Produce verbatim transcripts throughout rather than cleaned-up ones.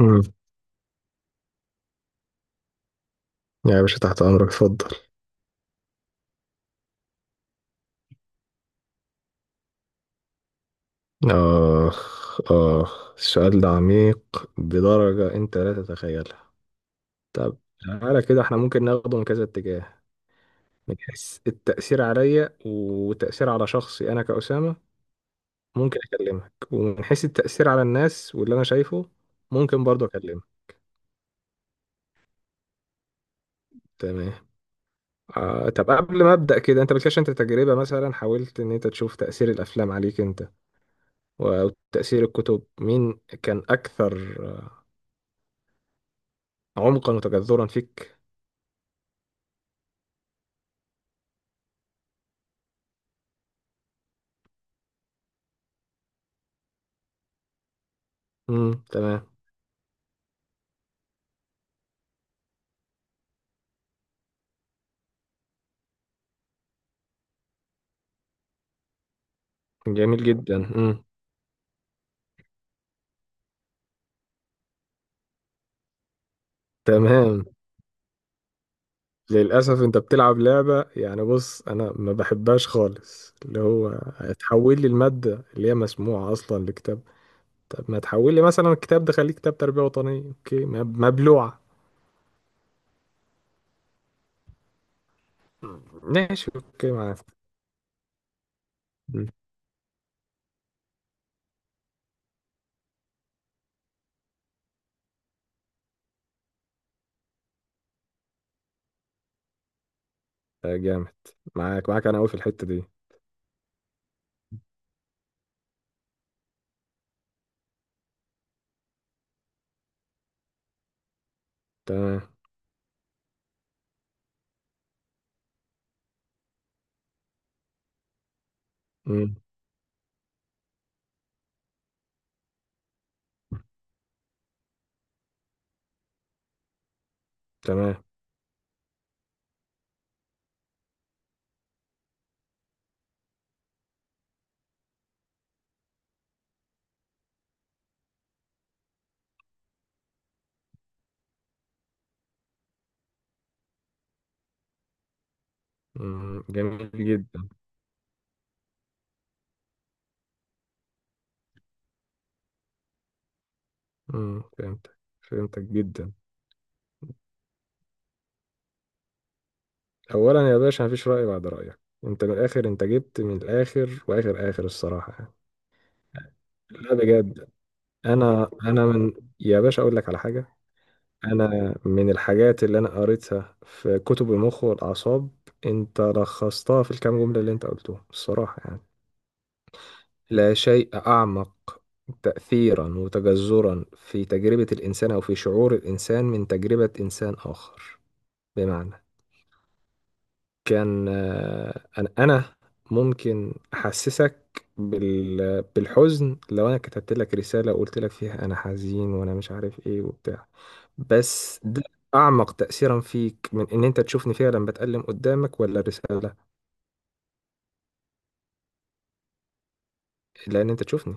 امم يا باشا تحت امرك اتفضل. اخ اخ، السؤال ده عميق بدرجة انت لا تتخيلها. طب تعالى كده، احنا ممكن ناخده من كذا اتجاه. من حيث التأثير عليا وتأثير على شخصي انا كأسامة ممكن اكلمك، ومن حيث التأثير على الناس واللي انا شايفه ممكن برضه اكلمك. تمام. آه، طب قبل ما ابدا كده، انت بتكلمش انت تجربة مثلا؟ حاولت ان انت تشوف تأثير الافلام عليك انت وتأثير الكتب، مين كان اكثر عمقا وتجذرا فيك؟ امم تمام. جميل جدا. امم تمام. للأسف أنت بتلعب لعبة، يعني بص أنا ما بحبهاش خالص، اللي هو هتحول لي المادة اللي هي مسموعة أصلا لكتاب. طب ما تحول لي مثلا الكتاب ده، خليه كتاب تربية وطنية أوكي، مب- مبلوعة. مم. ماشي أوكي معاك. مم. آه، جامد. معاك معاك أنا أوي في الحتة دي. تمام. مم. تمام. مم. جميل جدا. مم. فهمتك فهمتك جدا. اولا يا باشا، مفيش راي بعد رايك، انت من الاخر، انت جبت من الاخر واخر اخر، الصراحه يعني. لا بجد، انا انا من، يا باشا اقول لك على حاجه. انا من الحاجات اللي انا قريتها في كتب المخ والاعصاب، انت لخصتها في الكام جمله اللي انت قلتهم، الصراحه يعني. لا شيء اعمق تاثيرا وتجذرا في تجربه الانسان او في شعور الانسان من تجربه انسان اخر. بمعنى كان آه، انا انا ممكن احسسك بال... بالحزن لو انا كتبت لك رساله وقلت لك فيها انا حزين وانا مش عارف ايه وبتاع، بس ده اعمق تاثيرا فيك من ان انت تشوفني فعلا بتألم قدامك، ولا الرساله؟ لان انت تشوفني.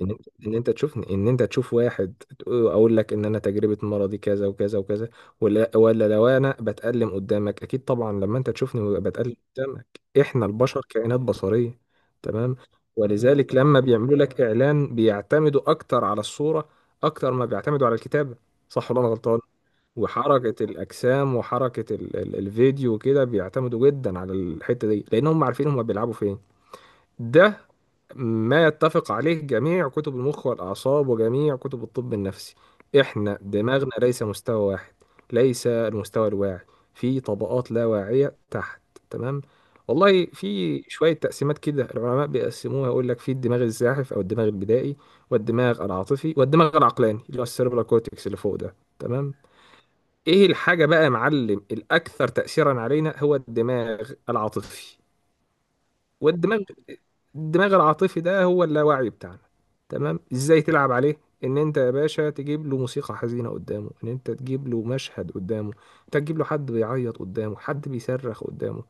ان انت ان انت تشوف ان انت تشوف واحد تقول- اقول لك ان انا تجربه مرضي كذا وكذا وكذا، ولا ولا لو انا بتألم قدامك؟ اكيد طبعا لما انت تشوفني وأبقى بتألم قدامك. احنا البشر كائنات بصريه. تمام. ولذلك لما بيعملوا لك اعلان بيعتمدوا اكتر على الصوره اكتر ما بيعتمدوا على الكتابه، صح ولا انا غلطان؟ وحركه الاجسام وحركه ال ال الفيديو وكده بيعتمدوا جدا على الحته دي لان هم عارفين هم بيلعبوا فين. ده ما يتفق عليه جميع كتب المخ والأعصاب وجميع كتب الطب النفسي. إحنا دماغنا ليس مستوى واحد، ليس المستوى الواعي، في طبقات لا واعية تحت. تمام. والله في شوية تقسيمات كده العلماء بيقسموها، يقول لك في الدماغ الزاحف أو الدماغ البدائي والدماغ العاطفي والدماغ العقلاني اللي هو السيربرال كورتكس اللي فوق ده. تمام. إيه الحاجة بقى يا معلم الأكثر تأثيرا علينا؟ هو الدماغ العاطفي. والدماغ الدماغ العاطفي ده هو اللاواعي بتاعنا. تمام. ازاي تلعب عليه؟ ان انت يا باشا تجيب له موسيقى حزينه قدامه، ان انت تجيب له مشهد قدامه، انت تجيب له حد بيعيط قدامه، حد بيصرخ قدامه.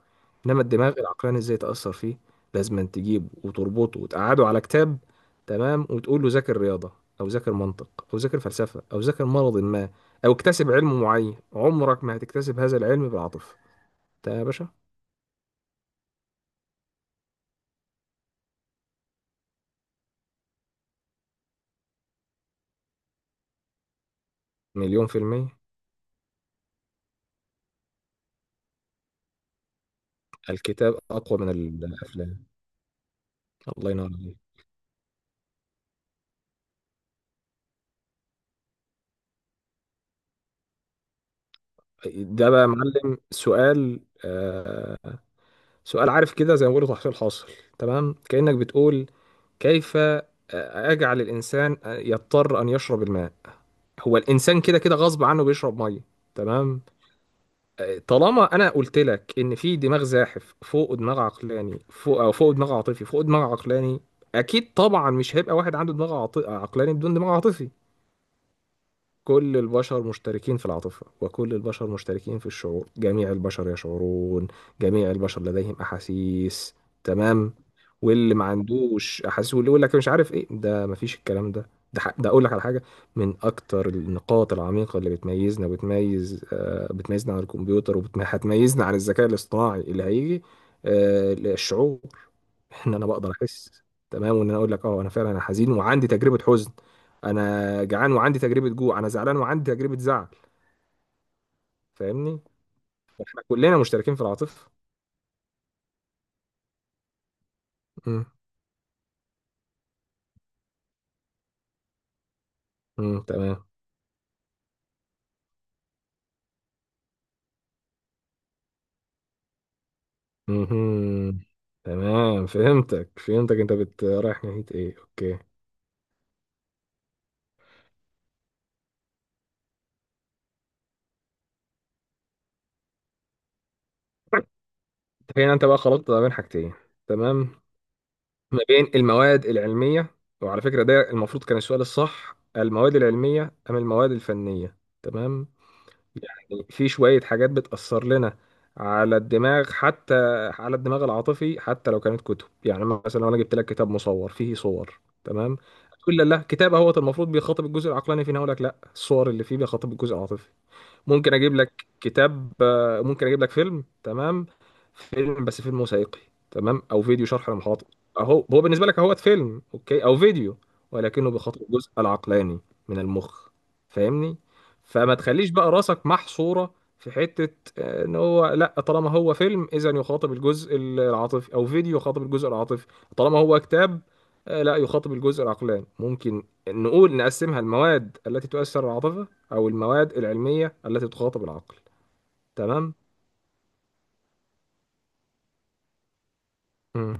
انما الدماغ العقلاني ازاي تاثر فيه؟ لازم أن تجيبه وتربطه وتقعده على كتاب. تمام. وتقول له ذاكر رياضه او ذاكر منطق او ذاكر فلسفه او ذاكر مرض ما او اكتسب علم معين. عمرك ما هتكتسب هذا العلم بالعاطفه. ده يا باشا مليون في المية. الكتاب أقوى من الأفلام. الله ينور عليك. ده بقى يا معلم سؤال، آه، سؤال عارف كده زي ما بيقولوا تحصيل حاصل. تمام. كأنك بتقول كيف آه، أجعل الإنسان آه، يضطر أن يشرب الماء. هو الإنسان كده كده غصب عنه بيشرب مية. تمام. آه، طالما أنا قلت لك إن في دماغ زاحف فوق دماغ عقلاني فوق، أو فوق دماغ عاطفي فوق دماغ عقلاني، أكيد طبعا مش هيبقى واحد عنده دماغ عاط- عقلاني بدون دماغ عاطفي. كل البشر مشتركين في العاطفة وكل البشر مشتركين في الشعور. جميع البشر يشعرون، جميع البشر لديهم أحاسيس. تمام. واللي ما عندوش أحاسيس واللي يقول لك مش عارف إيه، ده مفيش الكلام ده. ده ح- ده أقول لك على حاجة. من أكتر النقاط العميقة اللي بتميزنا، بتميز آه، بتميزنا عن الكمبيوتر وهتميزنا عن الذكاء الاصطناعي اللي هيجي، آه، الشعور. ان انا بقدر احس. تمام. وان انا اقول لك اه، انا فعلا انا حزين وعندي تجربه حزن، انا جعان وعندي تجربه جوع، انا زعلان وعندي تجربه زعل. فاهمني؟ احنا كلنا مشتركين في العاطفه. امم امم تمام. امم تمام. فهمتك فهمتك، انت بت رايح ناحيه ايه، اوكي. هنا انت بقى خلطت ما بين حاجتين. تمام. ما بين المواد العلميه، وعلى فكره ده المفروض كان السؤال الصح، المواد العلميه ام المواد الفنيه؟ تمام. يعني في شوية حاجات بتأثر لنا على الدماغ، حتى على الدماغ العاطفي، حتى لو كانت كتب. يعني مثلا لو انا جبت لك كتاب مصور فيه صور، تمام، تقول لا لا، كتاب اهوت المفروض بيخاطب الجزء العقلاني فينا، اقول لك لا، الصور اللي فيه بيخاطب الجزء العاطفي. ممكن اجيب لك كتاب، آه، ممكن اجيب لك فيلم. تمام. فيلم، بس فيلم وثائقي. تمام. او فيديو شرح لمحاضر. اهو هو بالنسبه لك اهوت فيلم اوكي او فيديو، ولكنه بيخاطب الجزء العقلاني من المخ. فاهمني؟ فما تخليش بقى راسك محصوره في حته، آه، ان هو لا طالما هو فيلم اذا يخاطب الجزء العاطفي او فيديو يخاطب الجزء العاطفي، طالما هو كتاب آه، لا يخاطب الجزء العقلاني. ممكن نقول نقسمها المواد التي تؤثر على العاطفه أو المواد العلمية التي تخاطب العقل. تمام. مم.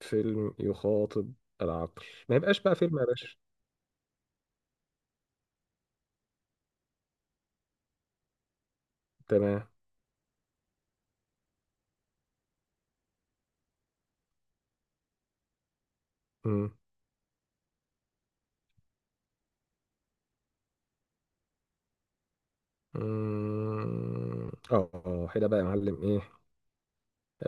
فيلم يخاطب العقل؟ ما يبقاش بقى فيلم يا باشا. تمام. مم. مم. اه، آه، هنا بقى يا معلم ايه،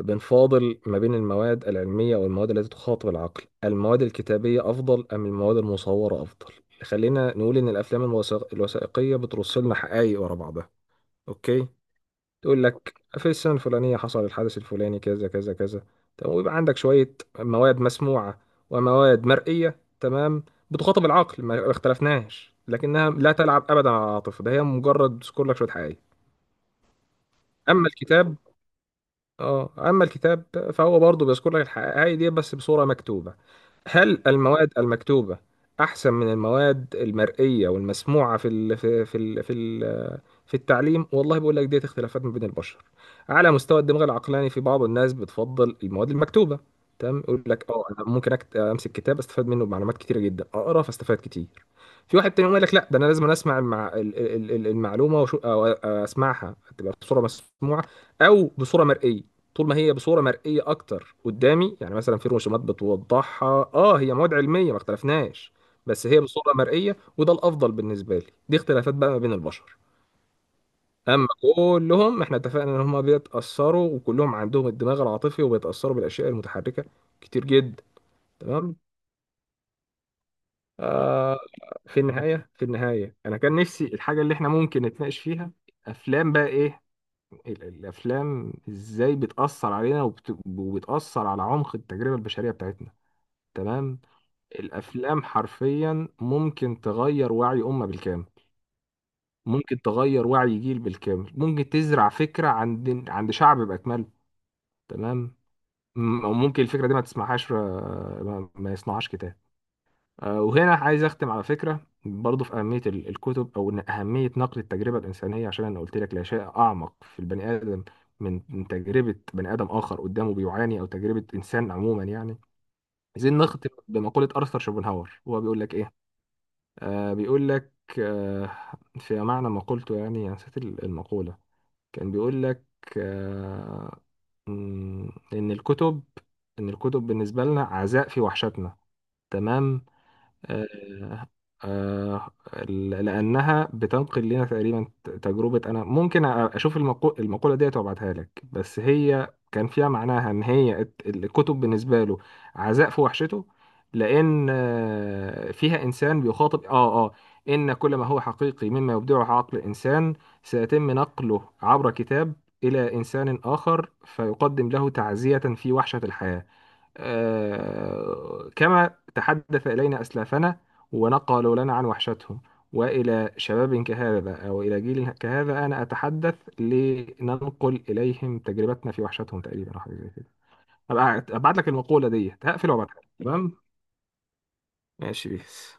بنفاضل ما بين المواد العلمية والمواد التي تخاطب العقل. المواد الكتابية أفضل أم المواد المصورة أفضل؟ خلينا نقول إن الأفلام الوثائق- الوثائقية بترص لنا حقائق ورا بعضها. أوكي. تقول لك في السنة الفلانية حصل الحدث الفلاني كذا كذا كذا. تمام. ويبقى عندك شوية مواد مسموعة ومواد مرئية، تمام، بتخاطب العقل، ما ما اختلفناش، لكنها لا تلعب أبدا على العاطفة. ده هي مجرد بتذكر لك شوية حقائق. أما الكتاب، اه، أما الكتاب فهو برضه بيذكر لك الحقائق دي بس بصورة مكتوبة. هل المواد المكتوبة أحسن من المواد المرئية والمسموعة في ال في ال في ال في التعليم؟ والله بقول لك، ديت اختلافات ما بين البشر على مستوى الدماغ العقلاني. في بعض الناس بتفضل المواد المكتوبه. تمام. يقول لك اه، انا ممكن أكت... امسك كتاب استفاد منه بمعلومات كتيره جدا، اقرا فاستفاد كتير. في واحد تاني يقوم يقول لك لا، ده انا لازم اسمع المع... ال- ال- ال- المعلومه وشو... أو اسمعها تبقى بصوره مسموعه او بصوره مرئيه. طول ما هي بصوره مرئيه اكتر قدامي، يعني مثلا في رسومات بتوضحها، اه هي مواد علميه ما اختلفناش، بس هي بصوره مرئيه وده الافضل بالنسبه لي. دي اختلافات بقى ما بين البشر. اما كلهم احنا اتفقنا ان هم بيتاثروا وكلهم عندهم الدماغ العاطفي وبيتاثروا بالاشياء المتحركه كتير جدا. تمام. آه. في النهايه في النهايه انا كان نفسي الحاجه اللي احنا ممكن نتناقش فيها، افلام بقى ايه، ال- الافلام ازاي بتاثر علينا وبت... وبتاثر على عمق التجربه البشريه بتاعتنا. تمام. الافلام حرفيا ممكن تغير وعي امه بالكامل، ممكن تغير وعي جيل بالكامل، ممكن تزرع فكره عند عند شعب باكمله. تمام. م- أو ممكن الفكرة دي ما تسمعهاش، آه، ما ما يصنعهاش كتاب. آه، وهنا عايز أختم على فكرة. برضو في أهمية ال- الكتب، أو إن أهمية نقل التجربة الإنسانية، عشان أنا قلت لك لا شيء أعمق في البني آدم من من تجربة بني آدم آخر قدامه بيعاني، أو تجربة إنسان عموما يعني. عايزين نختم بمقولة أرثر شوبنهاور، هو بيقول لك إيه؟ آه، بيقول لك، آه، في معنى ما قلته يعني. أنا نسيت ال- المقولة. كان بيقول لك، آه، مم، لأن الكتب، إن الكتب بالنسبة لنا عزاء في وحشتنا. تمام. آه، آه، لأنها بتنقل لنا تقريبا تجربة. أنا ممكن أشوف المقو- المقولة ديت وأبعتها لك، بس هي كان فيها معناها إن هي الت- الكتب بالنسبة له عزاء في وحشته. لأن آه، فيها إنسان بيخاطب آه آه إن كل ما هو حقيقي مما يبدعه عقل إنسان سيتم نقله عبر كتاب إلى إنسان آخر فيقدم له تعزية في وحشة الحياة. آه، كما تحدث إلينا أسلافنا ونقلوا لنا عن وحشتهم، وإلى شباب كهذا أو إلى جيل كهذا أنا أتحدث لننقل إليهم تجربتنا في وحشتهم، تقريبا أو حاجة زي كده. أبقى أبعت لك المقولة دي، هقفل وأبعتها لك. تمام. ماشي بيس.